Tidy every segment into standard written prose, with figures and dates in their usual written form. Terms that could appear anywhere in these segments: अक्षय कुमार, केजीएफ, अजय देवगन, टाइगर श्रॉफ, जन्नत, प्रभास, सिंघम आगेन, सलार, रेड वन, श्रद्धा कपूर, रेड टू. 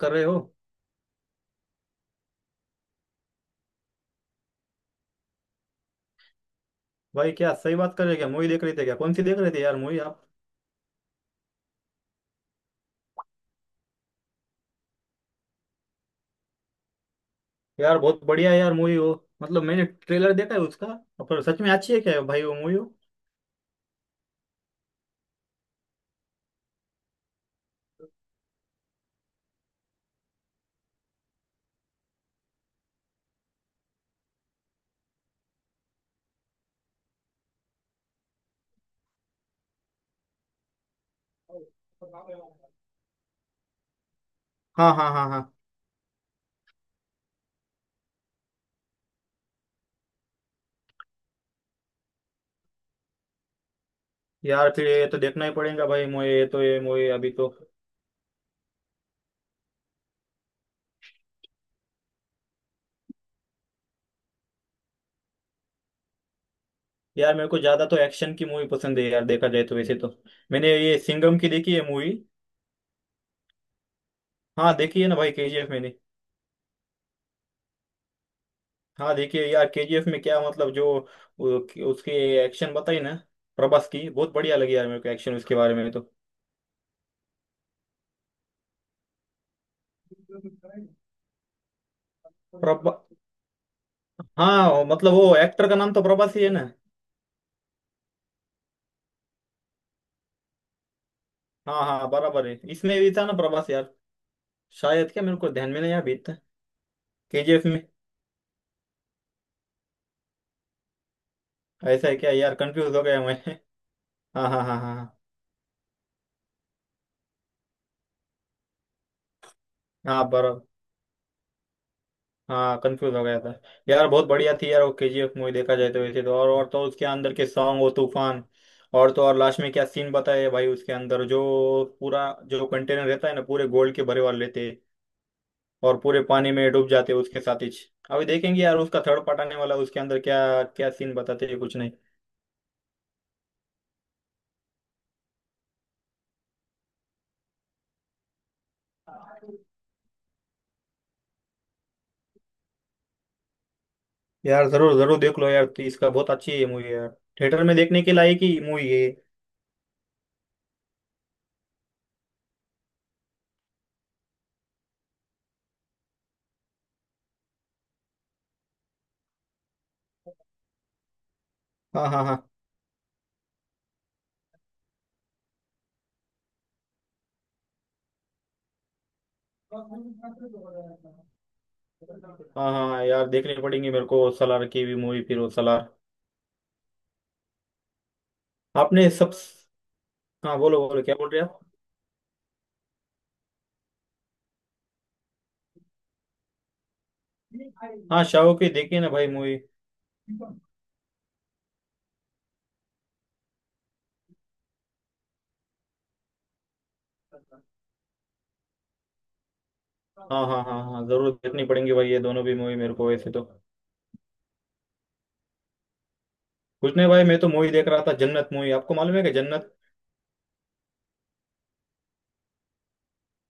कर रहे हो। भाई क्या सही बात कर रहे हो, क्या मूवी देख रहे थे, क्या कौन सी देख रहे थे यार मूवी आप। यार बहुत बढ़िया है यार मूवी वो। मतलब मैंने ट्रेलर देखा है उसका। पर सच में अच्छी है क्या भाई वो मूवी वो। हाँ हाँ हाँ हाँ। यार फिर ये तो देखना ही पड़ेगा भाई मूवी, ये तो ये मूवी अभी तो। यार मेरे को ज्यादा तो एक्शन की मूवी पसंद है यार, देखा जाए तो वैसे तो मैंने ये सिंघम की देखी है मूवी। हाँ देखी है ना भाई केजीएफ मैंने। हाँ देखिए यार केजीएफ में क्या, मतलब जो उसके एक्शन बताई ना, प्रभास की बहुत बढ़िया लगी यार मेरे को, एक्शन उसके बारे में तो। प्रभा हाँ मतलब वो एक्टर का नाम तो प्रभास ही है ना। हाँ हाँ बराबर है, इसमें भी था ना प्रभास यार शायद, क्या मेरे को ध्यान में नहीं आ बीत। केजीएफ में ऐसा है क्या यार, कंफ्यूज हो गया मैं। हाँ हाँ हाँ हाँ हाँ। हाँ बराबर। हाँ कंफ्यूज हो गया था। यार बहुत बढ़िया थी यार वो केजीएफ मूवी, देखा जाए तो वैसे तो। और तो उसके अंदर के सॉन्ग, वो तूफान। और तो और लास्ट में क्या सीन बताया है भाई उसके अंदर, जो पूरा जो कंटेनर रहता है ना पूरे गोल्ड के भरे वाले लेते हैं, और पूरे पानी में डूब जाते उसके साथ ही। अभी देखेंगे यार उसका थर्ड पार्ट आने वाला, उसके अंदर क्या क्या सीन बताते हैं कुछ नहीं। यार जरूर जरूर देख लो यार तो, इसका बहुत अच्छी है मूवी यार, थिएटर में देखने के लायक ही मूवी है। हाँ हाँ हाँ हाँ हाँ। यार देखनी पड़ेंगी मेरे को सलार की भी मूवी, फिर वो सलार आपने सब। हाँ बोलो बोलो क्या बोल रहे आप। हाँ शाहो की देखी ना भाई मूवी। हाँ हाँ हाँ हाँ जरूर देखनी पड़ेंगी भाई ये दोनों भी मूवी मेरे को वैसे तो। कुछ नहीं भाई मैं तो मूवी देख रहा था जन्नत मूवी, आपको मालूम है कि जन्नत।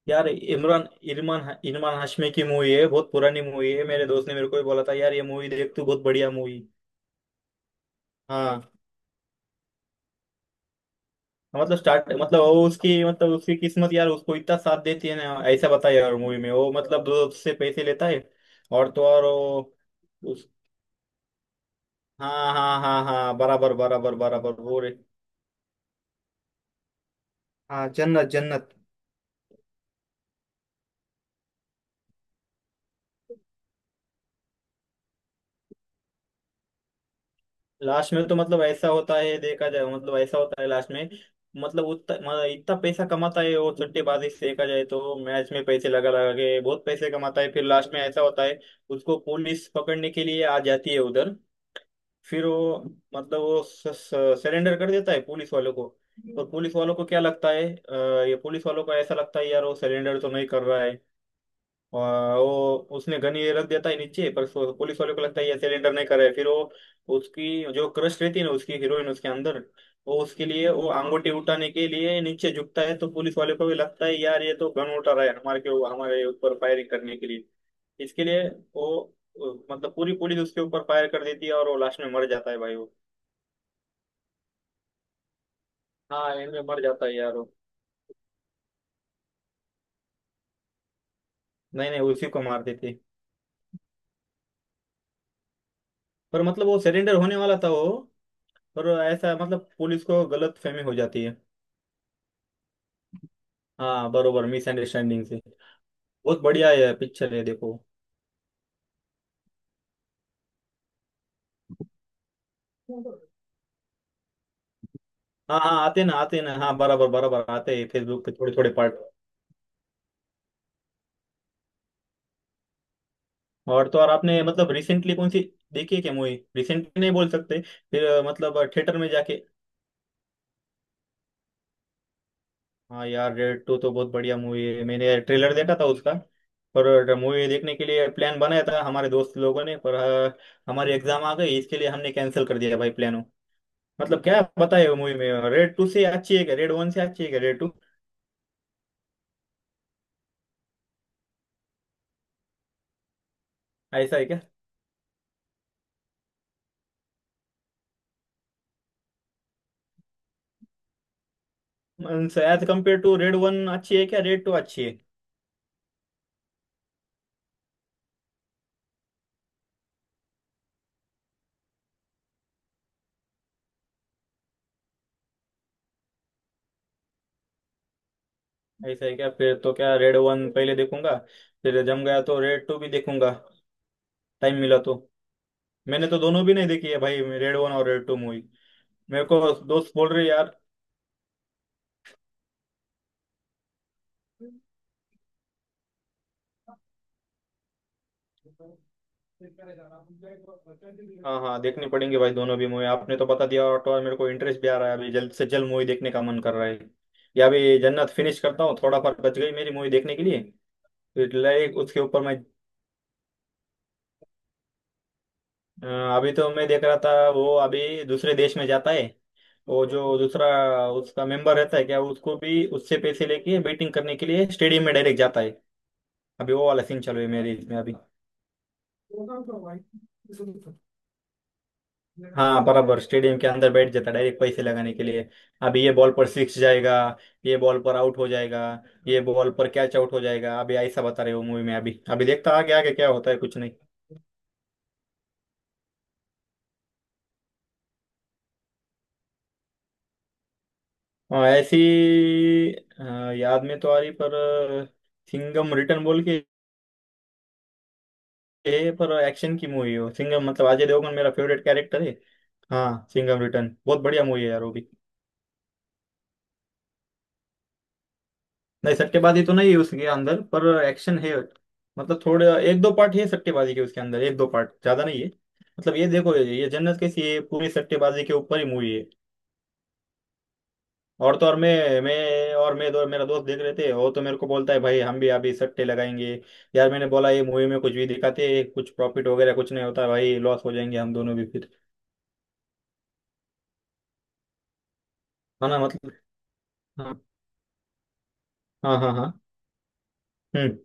यार इमरान, इरमान इरमान हाशमी की मूवी है, बहुत पुरानी मूवी है। मेरे दोस्त ने मेरे को भी बोला था यार ये मूवी देख तू, बहुत बढ़िया मूवी। हाँ मतलब स्टार्ट, मतलब वो उसकी, मतलब उसकी किस्मत यार उसको इतना साथ देती है ना। ऐसा बताया यार मूवी में, वो मतलब दोस्त से पैसे लेता है और तो और वो उस। हाँ हाँ हाँ हाँ बराबर बराबर बराबर वो रे। हाँ जन्नत जन्नत। लास्ट में तो मतलब ऐसा होता है, देखा जाए मतलब ऐसा होता है लास्ट में, मतलब उतना मतलब इतना पैसा कमाता है वो सट्टेबाजी से, देखा जाए तो मैच में पैसे लगा लगा के बहुत पैसे कमाता है। फिर लास्ट में ऐसा होता है, उसको पुलिस पकड़ने के लिए आ जाती है उधर। फिर वो मतलब वो सरेंडर कर देता है पुलिस वालों को। और पुलिस वालों को क्या लगता है ये, पुलिस वालों को ऐसा लगता है यार वो सरेंडर तो नहीं कर रहा है। आ, वो उसने गन ये रख देता है नीचे, पर पुलिस वाले को लगता है ये सिलेंडर नहीं कर रहा है। फिर वो, उसकी जो क्रश रहती है ना उसकी हीरोइन उसके अंदर, वो उसके लिए वो अंगूठी उठाने के लिए नीचे झुकता है, तो पुलिस वाले को भी लगता है यार ये तो गन उठा रहा है हमारे के हमारे ऊपर फायरिंग करने के लिए, इसके लिए वो मतलब पूरी पुलिस उसके ऊपर फायर कर देती है और वो लास्ट में मर जाता है भाई वो। हाँ एंड में मर जाता है यार वो। नहीं नहीं उसी को मार देती। पर मतलब वो सरेंडर होने वाला था वो, पर ऐसा मतलब पुलिस को गलत फहमी हो जाती है। हाँ बरोबर मिसअंडरस्टैंडिंग से, बहुत बढ़िया है पिक्चर है देखो। हाँ हाँ आते ना आते ना, हाँ बराबर बराबर आते हैं फेसबुक पे थोड़े थोड़े पार्ट। और तो और आपने मतलब रिसेंटली कौन सी देखी है क्या मूवी, रिसेंटली नहीं बोल सकते फिर मतलब थिएटर में जाके। हाँ यार रेड टू तो बहुत बढ़िया मूवी है, मैंने ट्रेलर देखा था उसका। पर मूवी देखने के लिए प्लान बनाया था हमारे दोस्त लोगों ने, पर हमारी एग्जाम आ गई, इसके लिए हमने कैंसिल कर दिया भाई प्लान। मतलब क्या बताए मूवी में, रेड टू से अच्छी है क्या, रेड वन से अच्छी है क्या रेड टू। ऐसा है क्या, as compare to रेड वन अच्छी है क्या, रेड टू अच्छी है। ऐसा है क्या, फिर तो क्या रेड वन पहले देखूंगा, फिर जम गया तो रेड टू भी देखूंगा, टाइम मिला तो। मैंने तो दोनों भी नहीं देखी है भाई रेड वन और रेड टू मूवी, मेरे को दोस्त बोल रहे यार। हाँ हाँ देखनी पड़ेंगे भाई दोनों भी मूवी, आपने तो बता दिया, और तो और मेरे को इंटरेस्ट भी आ रहा है, अभी जल्द से जल्द मूवी देखने का मन कर रहा है। या अभी जन्नत फिनिश करता हूँ, थोड़ा फर्क बच गई मेरी मूवी देखने के लिए। फिर लाइक उसके ऊपर अ, अभी तो मैं देख रहा था, वो अभी दूसरे देश में जाता है, वो जो दूसरा उसका मेंबर रहता है क्या, उसको भी उससे पैसे लेके बैटिंग करने के लिए स्टेडियम में डायरेक्ट जाता है। अभी वो वाला सीन चल रही है मेरे इसमें अभी। हाँ बराबर स्टेडियम के अंदर बैठ जाता है डायरेक्ट पैसे लगाने के लिए। अभी ये बॉल पर सिक्स जाएगा, ये बॉल पर आउट हो जाएगा, ये बॉल पर कैच आउट हो जाएगा, अभी ऐसा बता रहे हो मूवी में, अभी अभी देखता आगे आगे क्या होता है कुछ नहीं। हाँ ऐसी अ, याद में तो आ रही, पर सिंघम रिटर्न बोल के है, पर एक्शन की मूवी है वो। सिंघम मतलब अजय देवगन मेरा फेवरेट कैरेक्टर है। हाँ सिंघम रिटर्न बहुत बढ़िया मूवी है यार वो भी। नहीं सट्टेबाजी तो नहीं है उसके अंदर, पर एक्शन है। मतलब थोड़े एक दो पार्ट है सट्टेबाजी के उसके अंदर, एक दो पार्ट, ज्यादा नहीं है। मतलब ये देखो ये जन्नत कैसी है, पूरी सट्टेबाजी के ऊपर ही मूवी है। और तो और मैं दो मेरा दोस्त देख रहे थे, वो तो मेरे को बोलता है भाई हम भी अभी सट्टे लगाएंगे। यार मैंने बोला ये मूवी में कुछ भी दिखाते हैं, कुछ प्रॉफिट वगैरह कुछ नहीं होता भाई, लॉस हो जाएंगे हम दोनों भी फिर। है ना मतलब हाँ हाँ हाँ हाँ। हम्म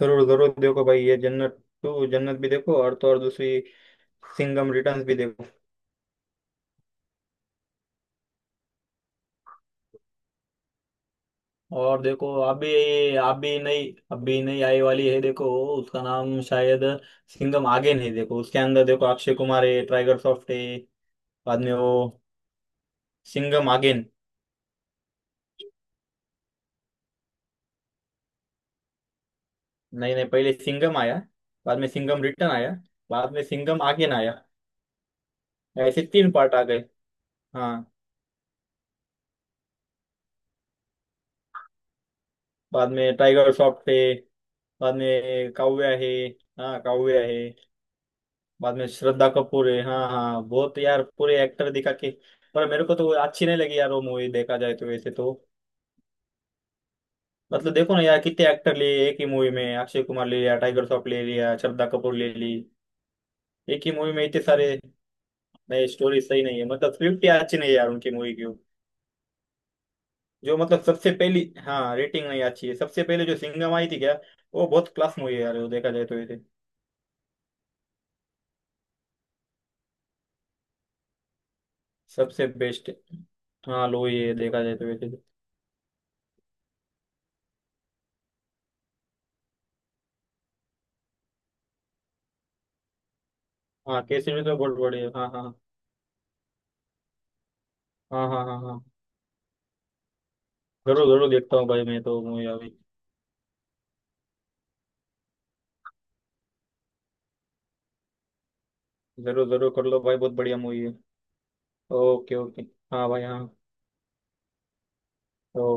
जरूर जरूर देखो भाई ये जन्नत टू जन्नत भी देखो, और तो और दूसरी सिंघम रिटर्न्स भी देखो। और देखो अभी, अभी नई, अभी नई आई वाली है देखो, उसका नाम शायद सिंघम आगे नहीं, देखो उसके अंदर देखो अक्षय कुमार है, टाइगर श्रॉफ है। बाद में वो सिंघम अगेन। नहीं नहीं पहले सिंघम आया, बाद में सिंघम रिटर्न आया, बाद में सिंघम आगेन आया, ऐसे तीन पार्ट आ गए। हाँ बाद में टाइगर श्रॉफ है, बाद में काव्या है। हाँ काव्या है, बाद में श्रद्धा कपूर है, हाँ हाँ बहुत यार पूरे एक्टर दिखा के। पर मेरे को तो वो अच्छी नहीं लगी यार वो मूवी, देखा जाए तो वैसे तो। मतलब देखो ना यार कितने एक्टर लिए एक ही मूवी में, अक्षय कुमार ले लिया, टाइगर श्रॉफ ले लिया, श्रद्धा कपूर ले ली, एक ही मूवी में इतने सारे नए। स्टोरी सही नहीं है, मतलब स्क्रिप्ट ही अच्छी नहीं है यार उनकी मूवी की, जो मतलब सबसे पहली। हाँ रेटिंग नहीं अच्छी है, सबसे पहले जो सिंघम आई थी क्या वो बहुत क्लास मूवी है यार वो, देखा जाए तो वैसे सबसे बेस्ट। हाँ लो ये देखा जाए तो वैसे तो। हाँ कैसे भी तो बहुत बढ़िया, हाँ हाँ हाँ हाँ हाँ। हाँ जरूर जरूर देखता हूँ भाई मैं तो मूवी अभी। जरूर जरूर कर लो भाई बहुत बढ़िया मूवी है। Okay okay. हाँ भाई हाँ। ओके।